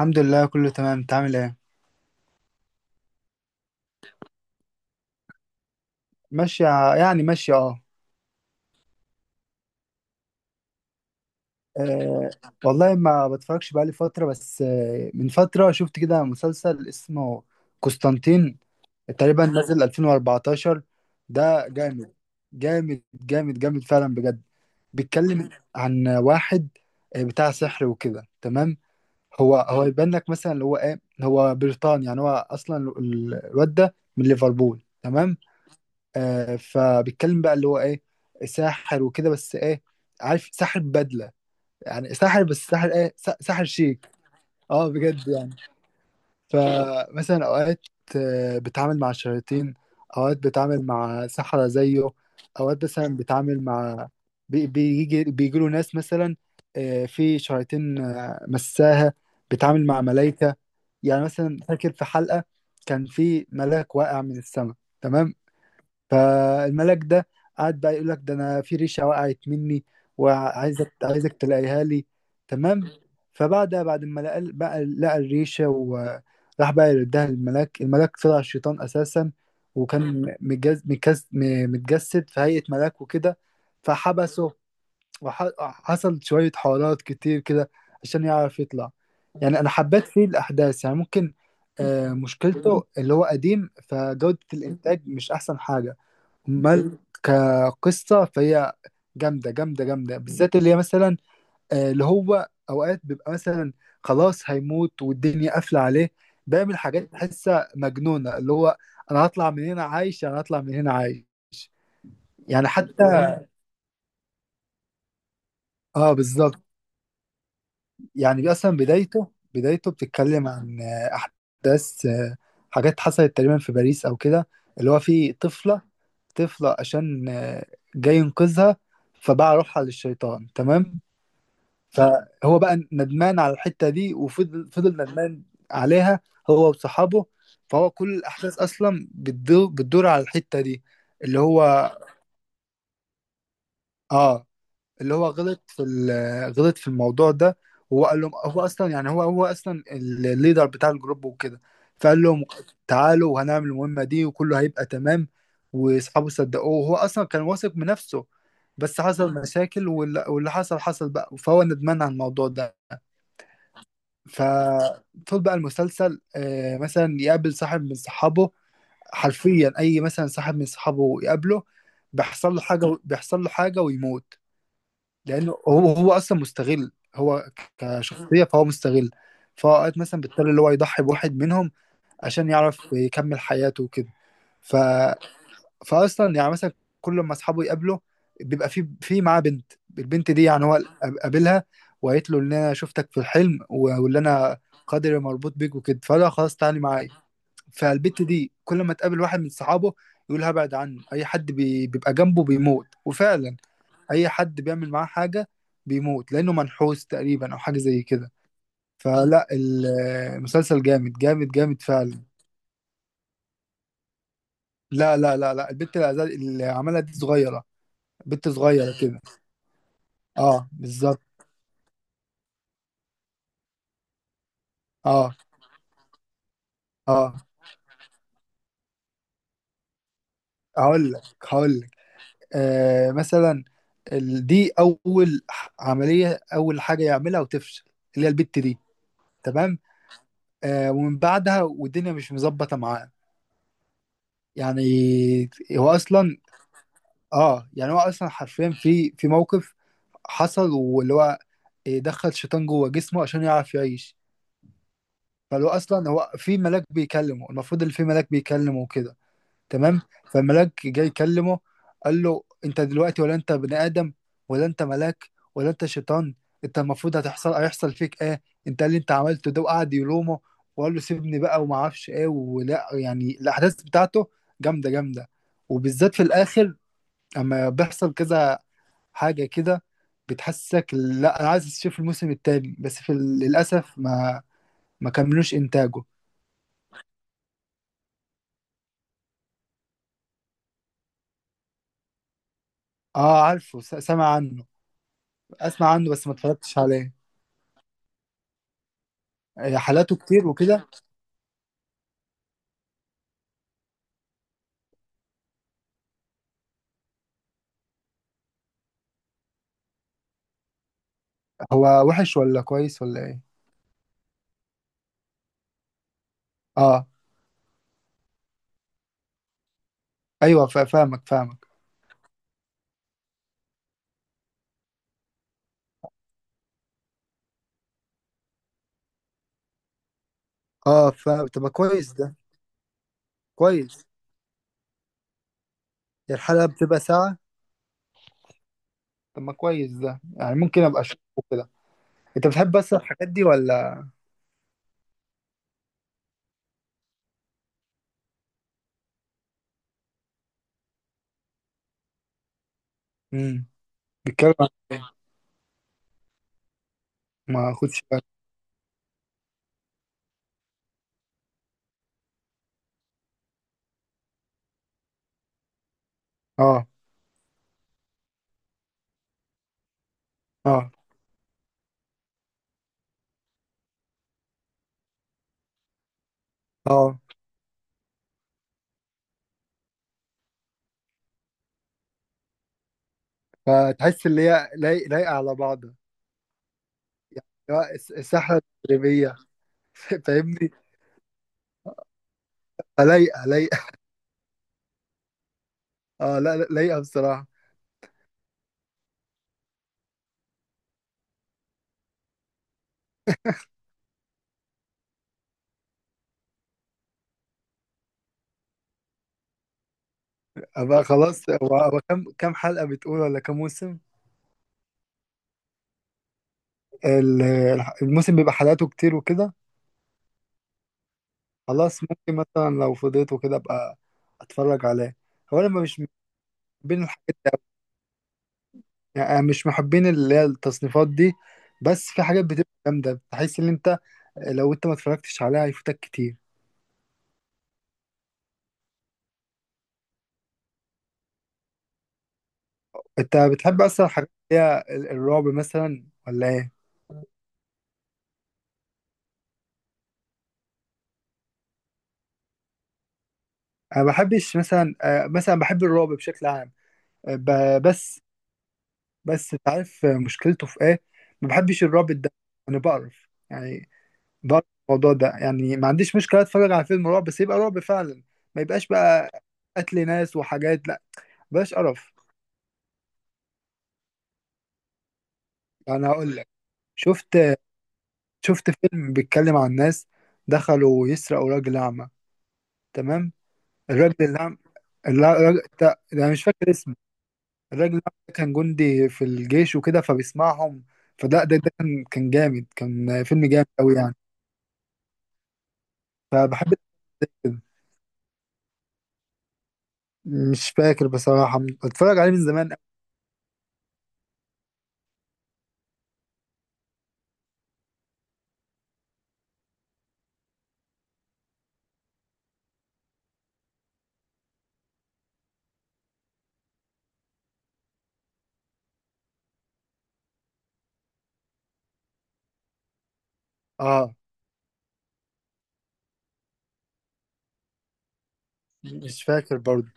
الحمد لله، كله تمام. انت عامل ايه؟ ماشيه. يعني ماشيه، اه. آه، والله ما بتفرجش بقالي فتره. بس من فتره شفت كده مسلسل اسمه قسطنطين. تقريبا نزل 2014. ده جامد جامد جامد جامد، فعلا بجد. بيتكلم عن واحد بتاع سحر وكده، تمام. هو يبان لك مثلا اللي هو ايه، هو بريطاني، يعني هو اصلا الواد ده من ليفربول، تمام. آه، فبيتكلم بقى اللي هو ايه، ساحر وكده، بس ايه؟ عارف، ساحر بدلة. يعني ساحر، بس ساحر ايه، ساحر شيك. اه بجد يعني. فمثلا اوقات بتعامل مع شياطين. اوقات بتعامل مع سحرة زيه. اوقات مثلا بتعامل مع بيجي له ناس. مثلا في شياطين مساها. بتعامل مع ملايكة. يعني مثلا فاكر في حلقة، كان في ملاك واقع من السماء، تمام. فالملاك ده قعد بقى يقول لك: ده انا في ريشه وقعت مني، وعايزك عايزك تلاقيها لي، تمام. فبعد ما بقى لقى الريشه، وراح بقى يردها للملاك، الملاك طلع الشيطان اساسا. وكان متجسد في هيئه ملاك وكده. فحبسه، وحصل شويه حوارات كتير كده عشان يعرف يطلع. يعني انا حبيت فيه الاحداث، يعني ممكن مشكلته اللي هو قديم، فجوده الانتاج مش احسن حاجه. امال كقصه فهي جامده جامده جامده، بالذات اللي هي مثلا اللي هو اوقات بيبقى مثلا خلاص هيموت والدنيا قافله عليه، بيعمل حاجات تحسها مجنونه، اللي هو: انا هطلع من هنا عايش، انا هطلع من هنا عايش، يعني. حتى اه بالظبط. يعني اصلا بدايته بتتكلم عن احداث، حاجات حصلت تقريبا في باريس او كده، اللي هو في طفله عشان جاي ينقذها، فباع روحها للشيطان، تمام. فهو بقى ندمان على الحتة دي، وفضل ندمان عليها، هو وصحابه. فهو كل الأحداث أصلا بتدور على الحتة دي، اللي هو آه، اللي هو غلط في غلط في الموضوع ده. هو قال لهم هو أصلا، يعني هو أصلا الليدر بتاع الجروب وكده. فقال لهم تعالوا وهنعمل المهمة دي وكله هيبقى تمام، وأصحابه صدقوه، وهو أصلا كان واثق من نفسه. بس حصل مشاكل واللي حصل بقى، فهو ندمان على الموضوع ده. فطول بقى المسلسل مثلا يقابل صاحب من صحابه، حرفيا اي مثلا صاحب من صحابه يقابله، بيحصل له حاجه ويموت، لانه هو اصلا مستغل، هو كشخصيه فهو مستغل. فأوقات مثلا بيضطر اللي هو يضحي بواحد منهم عشان يعرف يكمل حياته وكده. ف فاصلا يعني مثلا كل ما اصحابه يقابله، بيبقى في معاه بنت، البنت دي يعني هو قابلها، وقالت له ان انا شفتك في الحلم واللي انا قدري مربوط بيك وكده، فقال لها: خلاص تعالي معايا. فالبنت دي كل ما تقابل واحد من صحابه يقول هبعد عنه، اي حد بيبقى جنبه بيموت، وفعلا اي حد بيعمل معاه حاجه بيموت، لانه منحوس تقريبا او حاجه زي كده. فلا، المسلسل جامد جامد جامد فعلا. لا لا لا لا، البنت اللي عملها دي صغيره، بنت صغيره كده. اه بالظبط. اه، اه. هقول لك. آه مثلا دي اول عمليه، اول حاجه يعملها وتفشل، اللي هي البت دي، تمام. آه ومن بعدها والدنيا مش مظبطه معاه، يعني هو اصلا، اه يعني هو اصلا حرفيا في موقف حصل، واللي هو دخل شيطان جوه جسمه عشان يعرف يعيش. فلو اصلا هو في ملاك بيكلمه، المفروض اللي في ملاك بيكلمه وكده، تمام. فالملاك جاي يكلمه، قال له: انت دلوقتي ولا انت بني ادم، ولا انت ملاك، ولا انت شيطان؟ انت المفروض هيحصل فيك ايه؟ انت اللي انت عملته ده، وقعد يلومه وقال له سيبني بقى وما اعرفش ايه، ولا يعني الاحداث بتاعته جامده جامده، وبالذات في الاخر اما بيحصل كذا حاجه كده، بتحسسك لا انا عايز اشوف الموسم التاني، بس في للاسف ما كملوش انتاجه. اه عارفه، سامع عنه. اسمع عنه بس ما اتفرجتش عليه. حالاته كتير وكده. هو وحش ولا كويس ولا ايه؟ اه ايوه، فاهمك. اه فاهم، طب ما كويس ده. كويس. هي الحلقة بتبقى ساعة؟ طب ما كويس ده، يعني ممكن ابقى اشوفه كده. انت بتحب بس الحاجات دي ولا؟ امم. بيتكلم عن- إيه؟ ما خدش بالي. اه، اه، اه. فتحس اللي هي لايقة على بعضها؟ لا، الساحة التدريبية. فاهمني. فلايقة لايقة. اه لا لا، لايقة بصراحة. ابقى خلاص. هو كم حلقة بتقول، ولا كم موسم؟ الموسم بيبقى حلقاته كتير وكده؟ خلاص، ممكن مثلا لو فضيت وكده ابقى اتفرج عليه. هو انا مش من محبين الحاجات دي أوي. يعني أنا مش محبين اللي هي التصنيفات دي، بس في حاجات بتبقى جامده بحيث ان لو انت ما اتفرجتش عليها هيفوتك كتير. انت بتحب اصلا الحاجات اللي هي الرعب مثلا ولا ايه؟ انا ما بحبش مثلا، مثلا بحب الرعب بشكل عام، بس. بس انت عارف مشكلته في ايه؟ ما بحبش الرعب الدموي. انا بقرف يعني ضرب الموضوع ده. يعني ما عنديش مشكله اتفرج على فيلم رعب، بس يبقى رعب فعلا، ما يبقاش بقى قتل ناس وحاجات، لا بلاش قرف. انا هقول لك: شفت شفت فيلم بيتكلم عن ناس دخلوا يسرقوا راجل اعمى، تمام؟ الراجل الأعمى، الراجل ده انا مش فاكر اسمه. الراجل الأعمى ده كان جندي في الجيش وكده، فبيسمعهم. فده ده, ده كان جامد، كان فيلم جامد قوي يعني. فبحب كده. مش فاكر بصراحة، اتفرج عليه من زمان أوي. اه، مش فاكر برضه.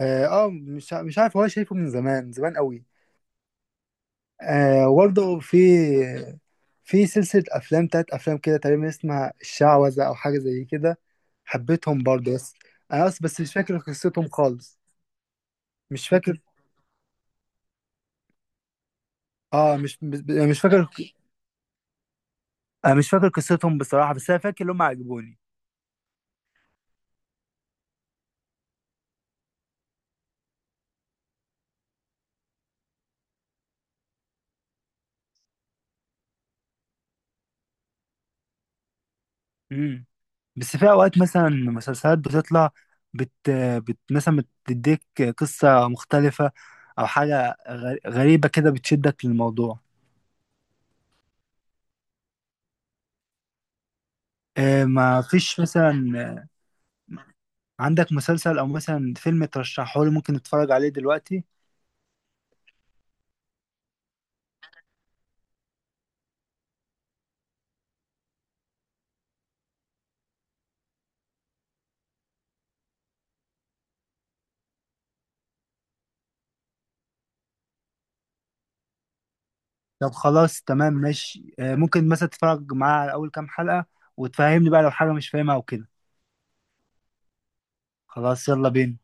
اه، مش عارف، هو شايفه من زمان زمان قوي. آه برضه في سلسلة أفلام، تلات أفلام كده تقريبا، اسمها الشعوذة أو حاجة زي كده. حبيتهم برضه، بس أنا بس مش فاكر قصتهم خالص. مش فاكر. اه مش فاكر. آه مش فاكر قصتهم بصراحة، بس أنا فاكر إن هم عجبوني. امم. بس في أوقات مثلا مسلسلات بتطلع بت, بت مثلا بتديك قصة مختلفة، أو حاجة غريبة كده بتشدك للموضوع. ما فيش مثلا عندك مسلسل او مثلا فيلم ترشحه لي ممكن اتفرج عليه دلوقتي؟ طب خلاص تمام، ماشي. ممكن مثلا تتفرج معاه على اول كام حلقة، وتفهمني بقى لو حاجة مش فاهمها او كده. خلاص، يلا بينا.